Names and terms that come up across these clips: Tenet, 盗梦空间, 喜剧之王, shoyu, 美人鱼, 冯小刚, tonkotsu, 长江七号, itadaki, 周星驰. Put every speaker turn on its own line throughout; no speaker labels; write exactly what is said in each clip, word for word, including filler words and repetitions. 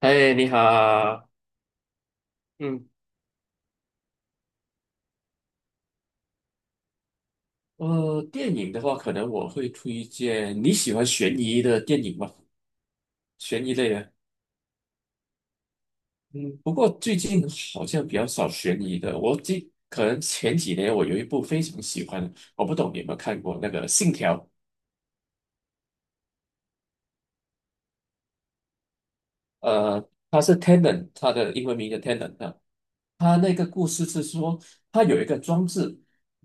哎，你好。嗯。呃，电影的话，可能我会推荐你喜欢悬疑的电影吗？悬疑类的。嗯，不过最近好像比较少悬疑的。我记，可能前几年我有一部非常喜欢的，我不懂你有没有看过那个《信条》？呃，它是 Tenet，它的英文名叫 Tenet 啊。它那个故事是说，它有一个装置，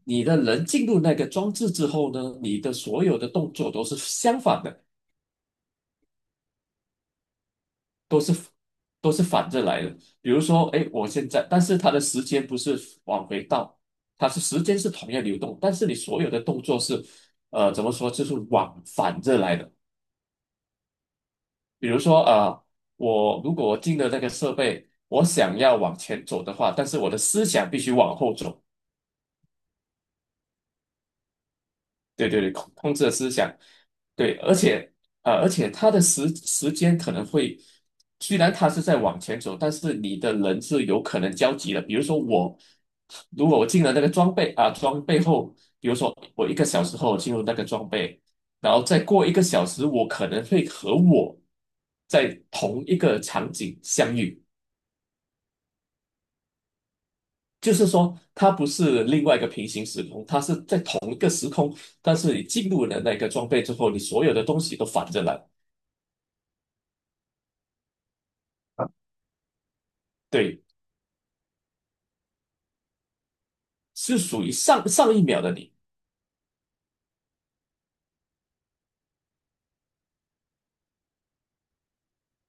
你的人进入那个装置之后呢，你的所有的动作都是相反的。都是都是反着来的。比如说，哎，我现在，但是它的时间不是往回倒，它是时间是同样流动，但是你所有的动作是，呃，怎么说，就是往反着来的。比如说，呃，我如果我进了那个设备，我想要往前走的话，但是我的思想必须往后走。对对对，控控制的思想。对，而且呃，而且他的时时间可能会，虽然他是在往前走，但是你的人是有可能交集的。比如说我，如果我进了那个装备啊，装备后，比如说我一个小时后进入那个装备，然后再过一个小时，我可能会和我在同一个场景相遇。就是说，它不是另外一个平行时空，它是在同一个时空，但是你进入了那个装备之后，你所有的东西都反着来。对，是属于上上一秒的你。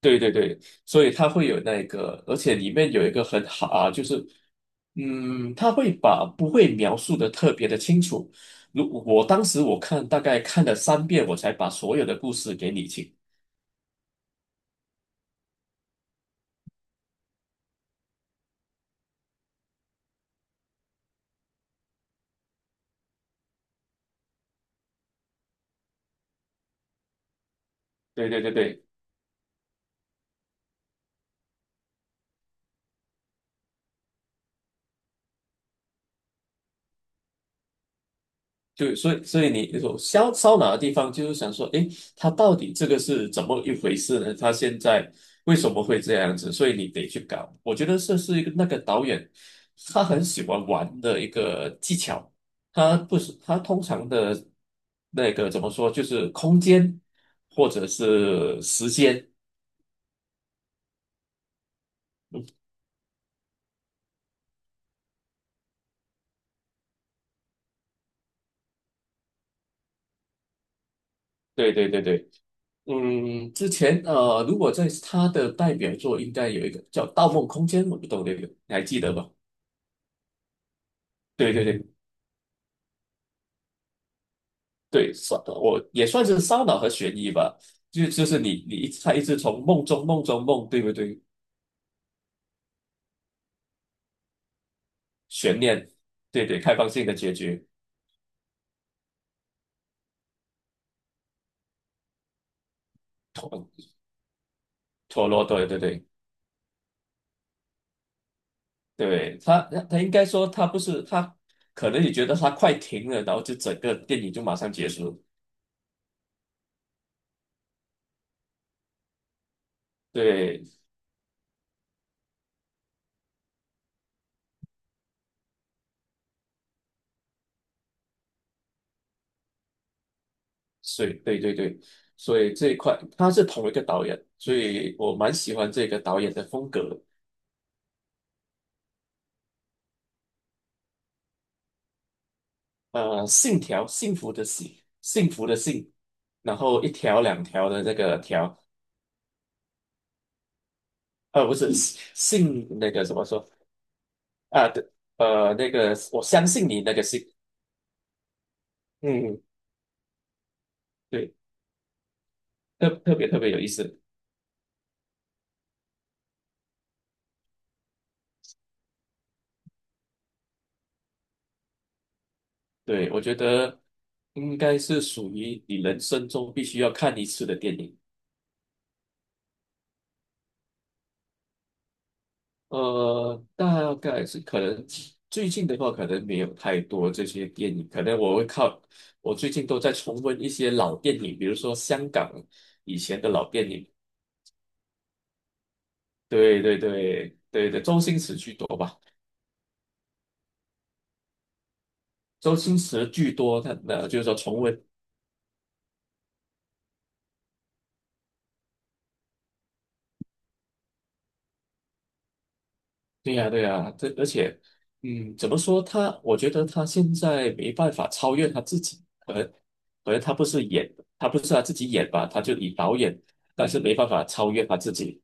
对对对，所以它会有那个，而且里面有一个很好啊，就是，嗯，它会把不会描述的特别的清楚。如我当时我看大概看了三遍，我才把所有的故事给理清。对对对对。对，所以所以你说烧烧脑的地方，就是想说，诶，他到底这个是怎么一回事呢？他现在为什么会这样子？所以你得去搞。我觉得这是一个那个导演他很喜欢玩的一个技巧。他不是他通常的那个怎么说，就是空间或者是时间。对对对对。嗯，之前呃，如果在他的代表作应该有一个叫《盗梦空间》，我不懂这个，你还记得吧？对对对。对，算我也算是烧脑和悬疑吧，就就是你你一他一直从梦中梦中梦，对不对？悬念。对对，开放性的结局。陀螺，对对对对。他他应该说他不是他，可能你觉得他快停了，然后就整个电影就马上结束。对，所以对对对，所以这一块他是同一个导演，所以我蛮喜欢这个导演的风格的。呃，信条，幸福的幸，幸福的幸，然后一条两条的那个条。呃，不是信信那个怎么说啊？对。呃，那个我相信你那个信。嗯。嗯对，特特别特别有意思。对，我觉得应该是属于你人生中必须要看一次的电影。呃，大概是可能最近的话，可能没有太多这些电影，可能我会靠我最近都在重温一些老电影，比如说香港以前的老电影。对对对对对，周星驰居多吧。周星驰巨多，他呃就是说重温。对呀、对呀、这而且，嗯，怎么说他？我觉得他现在没办法超越他自己，可能可能他不是演，他不是他自己演吧，他就以导演，但是没办法超越他自己。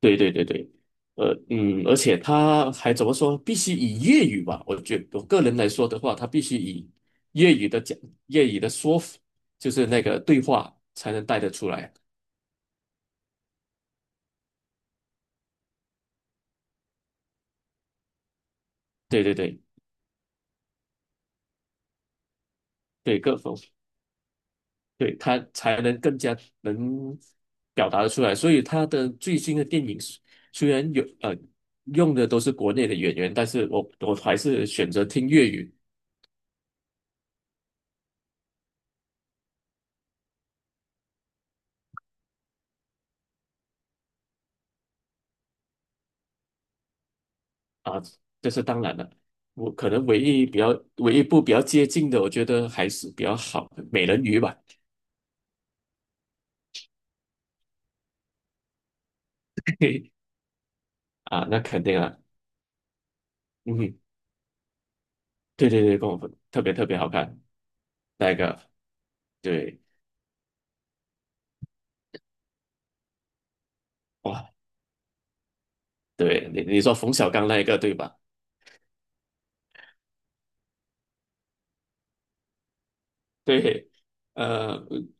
对对对对，呃嗯，而且他还怎么说？必须以粤语吧？我觉我个人来说的话，他必须以粤语的讲粤语的说，就是那个对话才能带得出来。对对对对，各方对，他才能更加能表达的出来。所以他的最新的电影虽虽然有呃用的都是国内的演员，但是我我还是选择听粤语啊，这是当然了。我可能唯一比较唯一一部比较接近的，我觉得还是比较好的《美人鱼》吧。嘿啊，那肯定啊。嗯，对对对，跟我分特别特别好看那一个。对。哇，对你你说冯小刚那一个对吧？对。呃，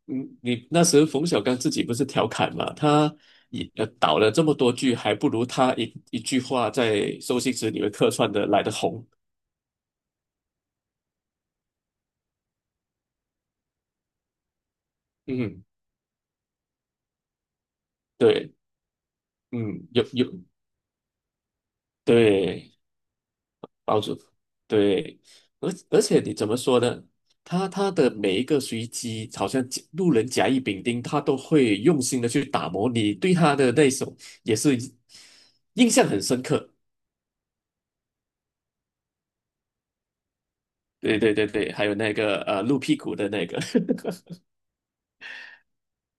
嗯，你那时候冯小刚自己不是调侃嘛，他也呃导了这么多剧，还不如他一一句话在周星驰里面客串的来的红。嗯。对。嗯，有有。对。包住。对。而而且你怎么说呢？他他的每一个随机，好像甲路人甲乙丙丁，他都会用心的去打磨你对他的那一首，也是印象很深刻。对对对对，还有那个呃露屁股的那个。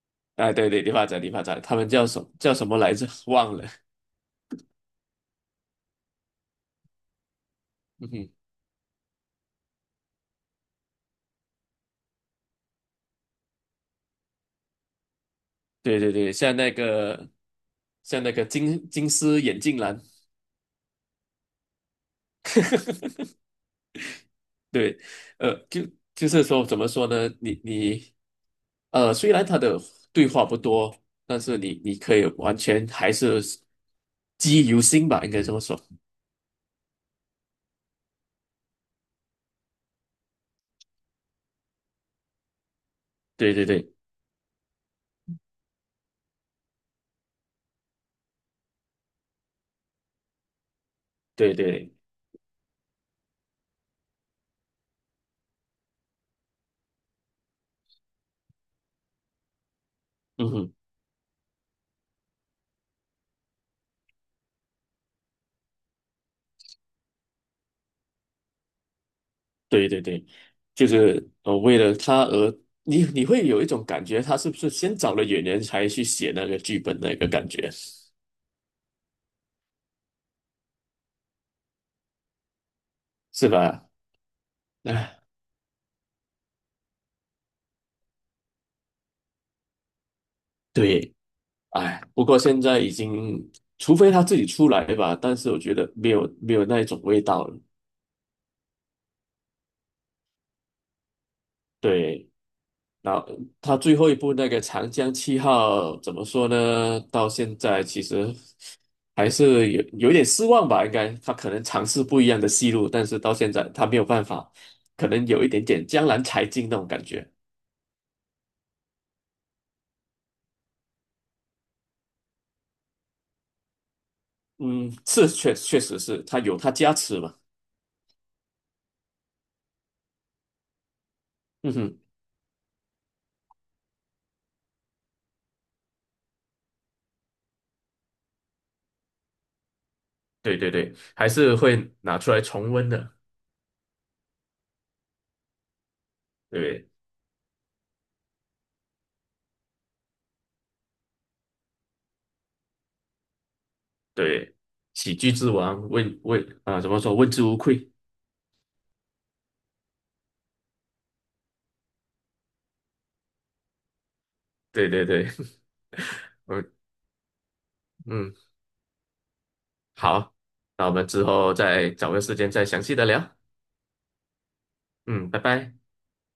啊对对，理发展理发展，他们叫什么叫什么来着？忘了。嗯哼。对对对，像那个像那个金金丝眼镜男。对。呃，就就是说怎么说呢？你你呃，虽然他的对话不多，但是你你可以完全还是记忆犹新吧，应该这么说。对对对对对。嗯哼。对对对，就是呃，为了他而你你会有一种感觉，他是不是先找了演员才去写那个剧本那个感觉，是吧？哎，对。哎，不过现在已经，除非他自己出来吧，但是我觉得没有没有那一种味道了。对。然后他最后一部那个《长江七号》怎么说呢？到现在其实还是有有一点失望吧，应该他可能尝试不一样的戏路，但是到现在他没有办法，可能有一点点江郎才尽那种感觉。嗯，是确确实是他有他加持嘛。嗯哼。对对对，还是会拿出来重温的。对对，喜剧之王问问啊，怎么说问之无愧？对对对。嗯嗯。好，那我们之后再找个时间再详细的聊。嗯，拜拜。